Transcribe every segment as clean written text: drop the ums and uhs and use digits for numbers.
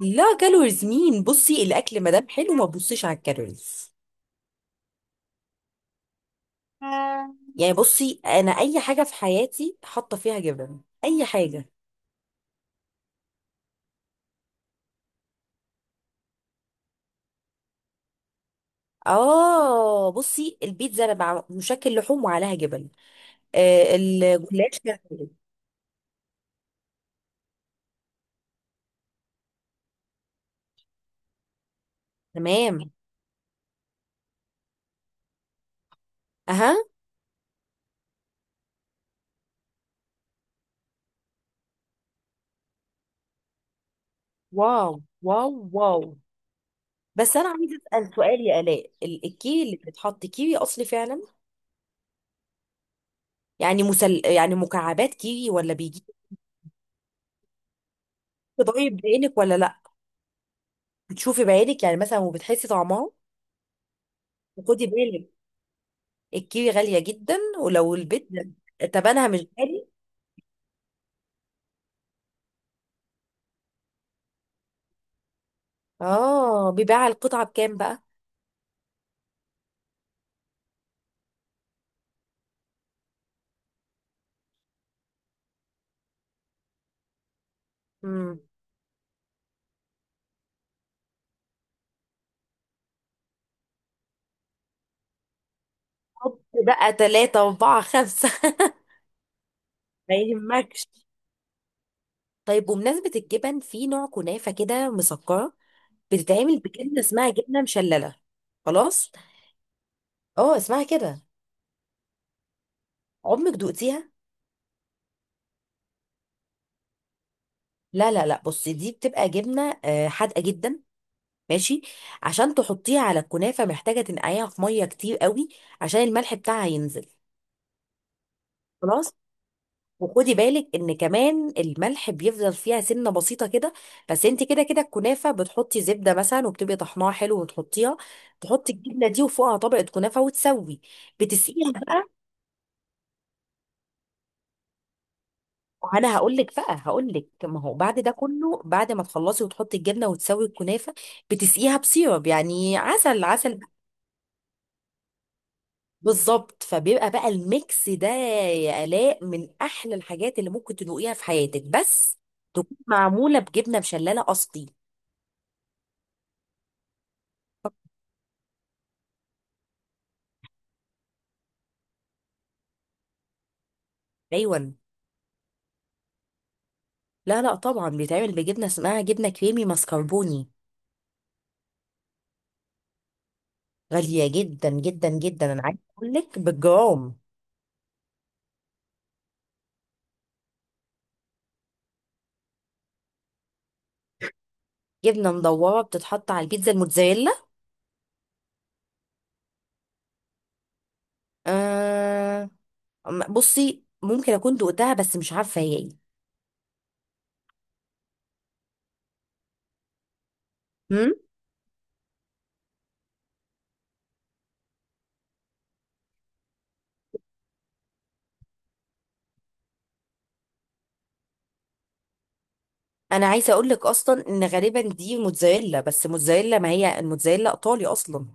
لا، كالوريز مين؟ بصي الاكل ما دام حلو ما تبصيش على الكالوريز. يعني بصي، انا اي حاجه في حياتي حاطه فيها جبن، اي حاجه. اه، بصي البيتزا انا، مشكل لحوم وعليها جبن. الجلاش فيها جبن. تمام. اها. واو، واو، واو. بس انا عايزه اسال سؤال يا الاء، الكيوي اللي بتتحط كيوي اصلي فعلا؟ يعني يعني مكعبات كيوي ولا بيجي؟ تدوقي بعينك ولا لا؟ بتشوفي بعينك يعني مثلا، وبتحسي طعمها؟ وخدي بالك، الكيوي غالية جدا، ولو البيت جدا تبنها مش غالي. اه، بيباع القطعة بكام بقى؟ امم. حط بقى تلاتة أربعة خمسة. ما يهمكش. طيب، بمناسبة الجبن، في نوع كنافة كده مسكرة بتتعمل بجبنة اسمها جبنة مشللة. خلاص. اه، اسمها كده. عمرك دقتيها؟ لا لا لا، بصي دي بتبقى جبنة حادقة جدا. ماشي. عشان تحطيها على الكنافة محتاجة تنقعيها في مية كتير قوي، عشان الملح بتاعها ينزل. خلاص. وخدي بالك ان كمان الملح بيفضل فيها سنه بسيطه كده. بس انت كده كده الكنافه بتحطي زبده مثلا، وبتبقي طحناها حلو وتحطيها، تحطي الجبنه دي وفوقها طبقه كنافه وتسوي. بتسقيها بقى. انا هقول لك بقى، هقول لك، ما هو بعد ده كله، بعد ما تخلصي وتحطي الجبنه وتسوي الكنافه، بتسقيها بسيرب، يعني عسل عسل. بالظبط، فبيبقى بقى الميكس ده يا الاء من احلى الحاجات اللي ممكن تدوقيها في حياتك، بس تكون معموله بجبنه مشلله اصلي. ايوه. لا لا، طبعا بيتعمل بجبنه اسمها جبنه كريمي ماسكربوني. غاليه جدا جدا جدا، انا عايزه اقول لك بالجرام. جبنه مدوره بتتحط على البيتزا؟ الموتزاريلا. آه. بصي ممكن اكون دقتها، بس مش عارفه هي ايه. هم؟ انا عايزه اقول لك اصلا ان غالبا دي موتزاريلا، بس موتزاريلا، ما هي الموتزاريلا ايطالي اصلا.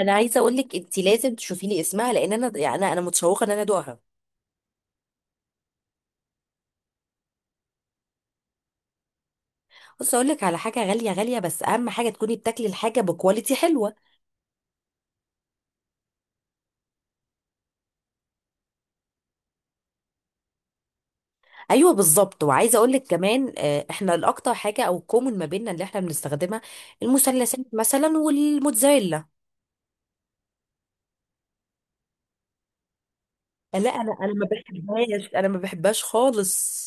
انا عايزه اقول لك انت لازم تشوفي لي اسمها، لان انا يعني أنا متشوقه ان انا ادوقها. بص، اقول لك على حاجه، غاليه غاليه، بس اهم حاجه تكوني بتاكلي الحاجه بكواليتي حلوه. ايوه، بالظبط. وعايزه اقول لك كمان، احنا الاكتر حاجه او الكومن ما بيننا اللي احنا بنستخدمها المثلثات مثلا والموتزاريلا. لا، انا ما بحبهاش، انا ما بحبهاش خالص.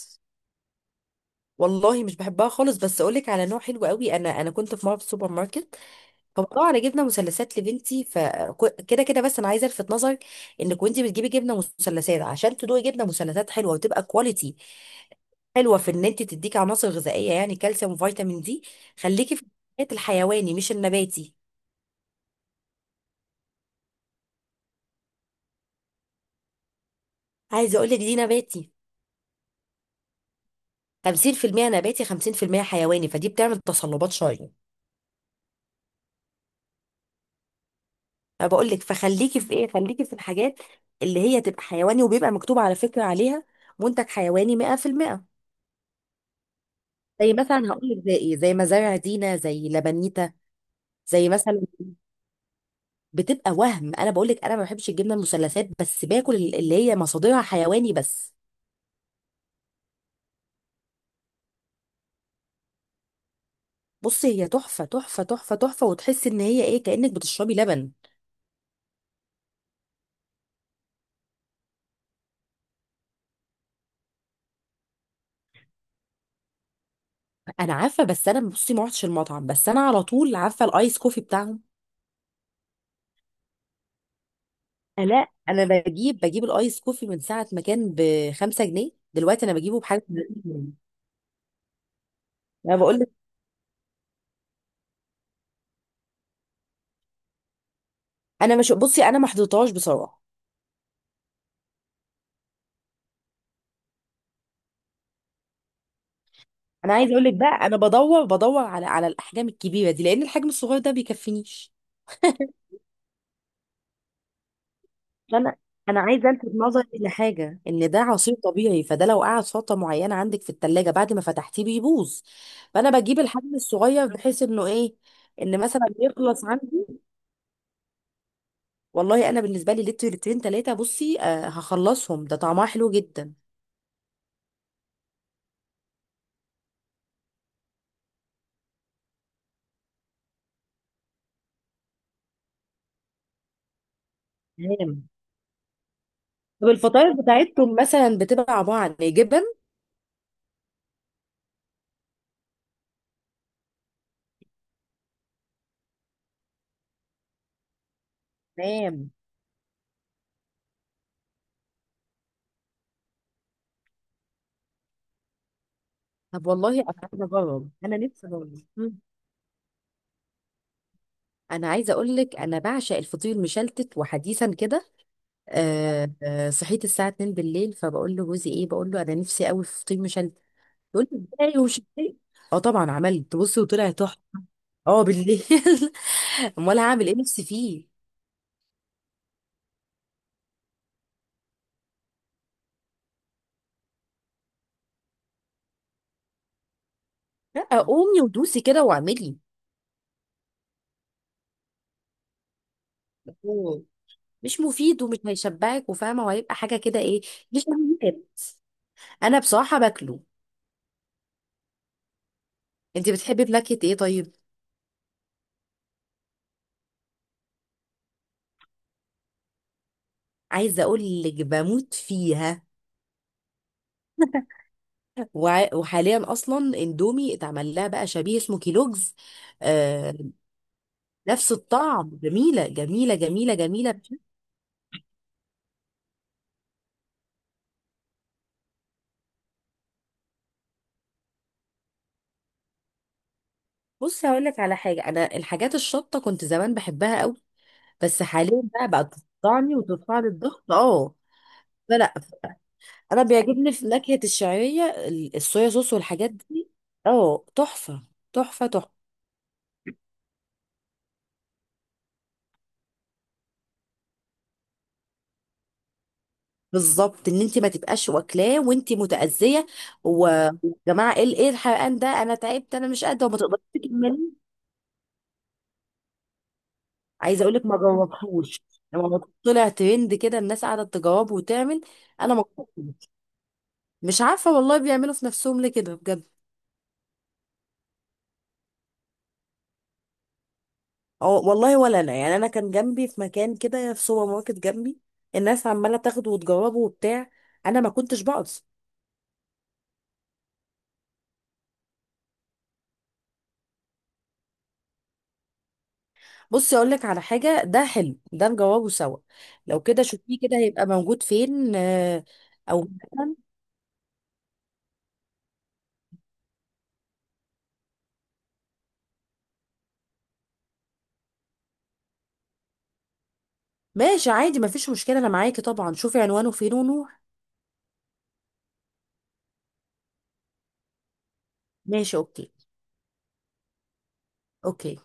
والله مش بحبها خالص، بس اقول لك على نوع حلو قوي. انا كنت في مره في السوبر ماركت، فموضوع انا جبنه مثلثات لبنتي، فكده كده. بس انا عايزه الفت نظرك، انك وانت بتجيبي جبنه مثلثات عشان تدوقي جبنه مثلثات حلوه وتبقى كواليتي حلوه، في ان انت تديكي عناصر غذائيه يعني كالسيوم وفيتامين دي. خليكي في الحاجات الحيواني مش النباتي. عايزه اقول لك دي نباتي. 50% نباتي، 50% حيواني، فدي بتعمل تصلبات شويه. انا بقول لك، فخليكي في ايه، خليكي في الحاجات اللي هي تبقى حيواني، وبيبقى مكتوب على فكره عليها منتج حيواني 100%. زي مثلا هقول لك، زي ايه، زي مزارع دينا، زي لبنيتا. زي مثلا، بتبقى وهم. انا بقول لك انا ما بحبش الجبنه المثلثات، بس باكل اللي هي مصادرها حيواني بس. بصي، هي تحفه تحفه تحفه تحفه، وتحسي ان هي ايه، كانك بتشربي لبن. انا عارفه، بس انا بصي ما رحتش المطعم، بس انا على طول عارفه الايس كوفي بتاعهم. لا، انا بجيب الايس كوفي من ساعه ما كان ب 5 جنيه، دلوقتي انا بجيبه بحاجه. انا بقول لك، انا مش بصي، انا ما حضرتهاش بصراحه. انا عايزه اقول لك بقى، انا بدور على الاحجام الكبيره دي، لان الحجم الصغير ده بيكفينيش. فانا، انا عايزه الفت نظرك لحاجه، ان ده عصير طبيعي، فده لو قعد فتره معينه عندك في الثلاجه بعد ما فتحتيه بيبوظ. فانا بجيب الحجم الصغير بحيث انه ايه، ان مثلا يخلص عندي. والله انا بالنسبه لي لتر لترين ثلاثه بصي آه، هخلصهم، ده طعمها حلو جدا. تمام. طب الفطاير بتاعتهم مثلا بتبقى عباره عن إيه؟ جبن؟ تمام. طب والله انا عايزه اجرب، انا نفسي اجرب. انا عايزه اقول لك انا بعشق الفطير مشلتت، وحديثا كده صحيت الساعه 2 بالليل فبقول له جوزي ايه، بقول له انا نفسي قوي في فطير مشلتت. يقول لي ازاي؟ ومش ازاي؟ اه طبعا، عملت بصي وطلع تحفه. اه، بالليل. امال هعمل ايه نفسي فيه. لا، قومي ودوسي كده واعملي. أوه. مش مفيد، ومش هيشبعك، وفاهمه، وهيبقى حاجه كده ايه. مش مهم. انا بصراحه باكله. انت بتحبي بنكهه ايه طيب؟ عايزه اقول لك بموت فيها. وحاليا اصلا اندومي اتعمل لها بقى شبيه اسمه كيلوجز. آه. نفس الطعم، جميله جميله جميله جميله. بص هقول لك على حاجه، انا الحاجات الشطه كنت زمان بحبها قوي، بس حاليا بقى بقت تقطعني وترفع لي الضغط، اه. فلا، انا بيعجبني في نكهه الشعريه الصويا صوص والحاجات دي. اه، تحفه، تحفه تحفه. بالظبط، ان انت ما تبقاش واكلاه وانت متاذيه. ويا جماعه، ايه ايه الحرقان ده، انا تعبت، انا مش قادره. وما تقدريش تكملي. عايزه اقول لك ما جربتوش. لما طلع ترند كده الناس قاعده تجاوب وتعمل. انا ما جربتوش. مش عارفه والله بيعملوا في نفسهم ليه كده بجد. أو والله، ولا انا، يعني انا كان جنبي في مكان كده في سوبر ماركت جنبي، الناس عماله تاخده وتجربه وبتاع، انا ما كنتش بقص. بصي اقول لك على حاجه، ده حلو، ده نجربه سوا. لو كده شوفيه كده، هيبقى موجود فين او مثلا. ماشي، عادي، ما فيش مشكله، انا معاكي طبعا، شوفي عنوانه فين ونروح. ماشي، اوكي. اوكي.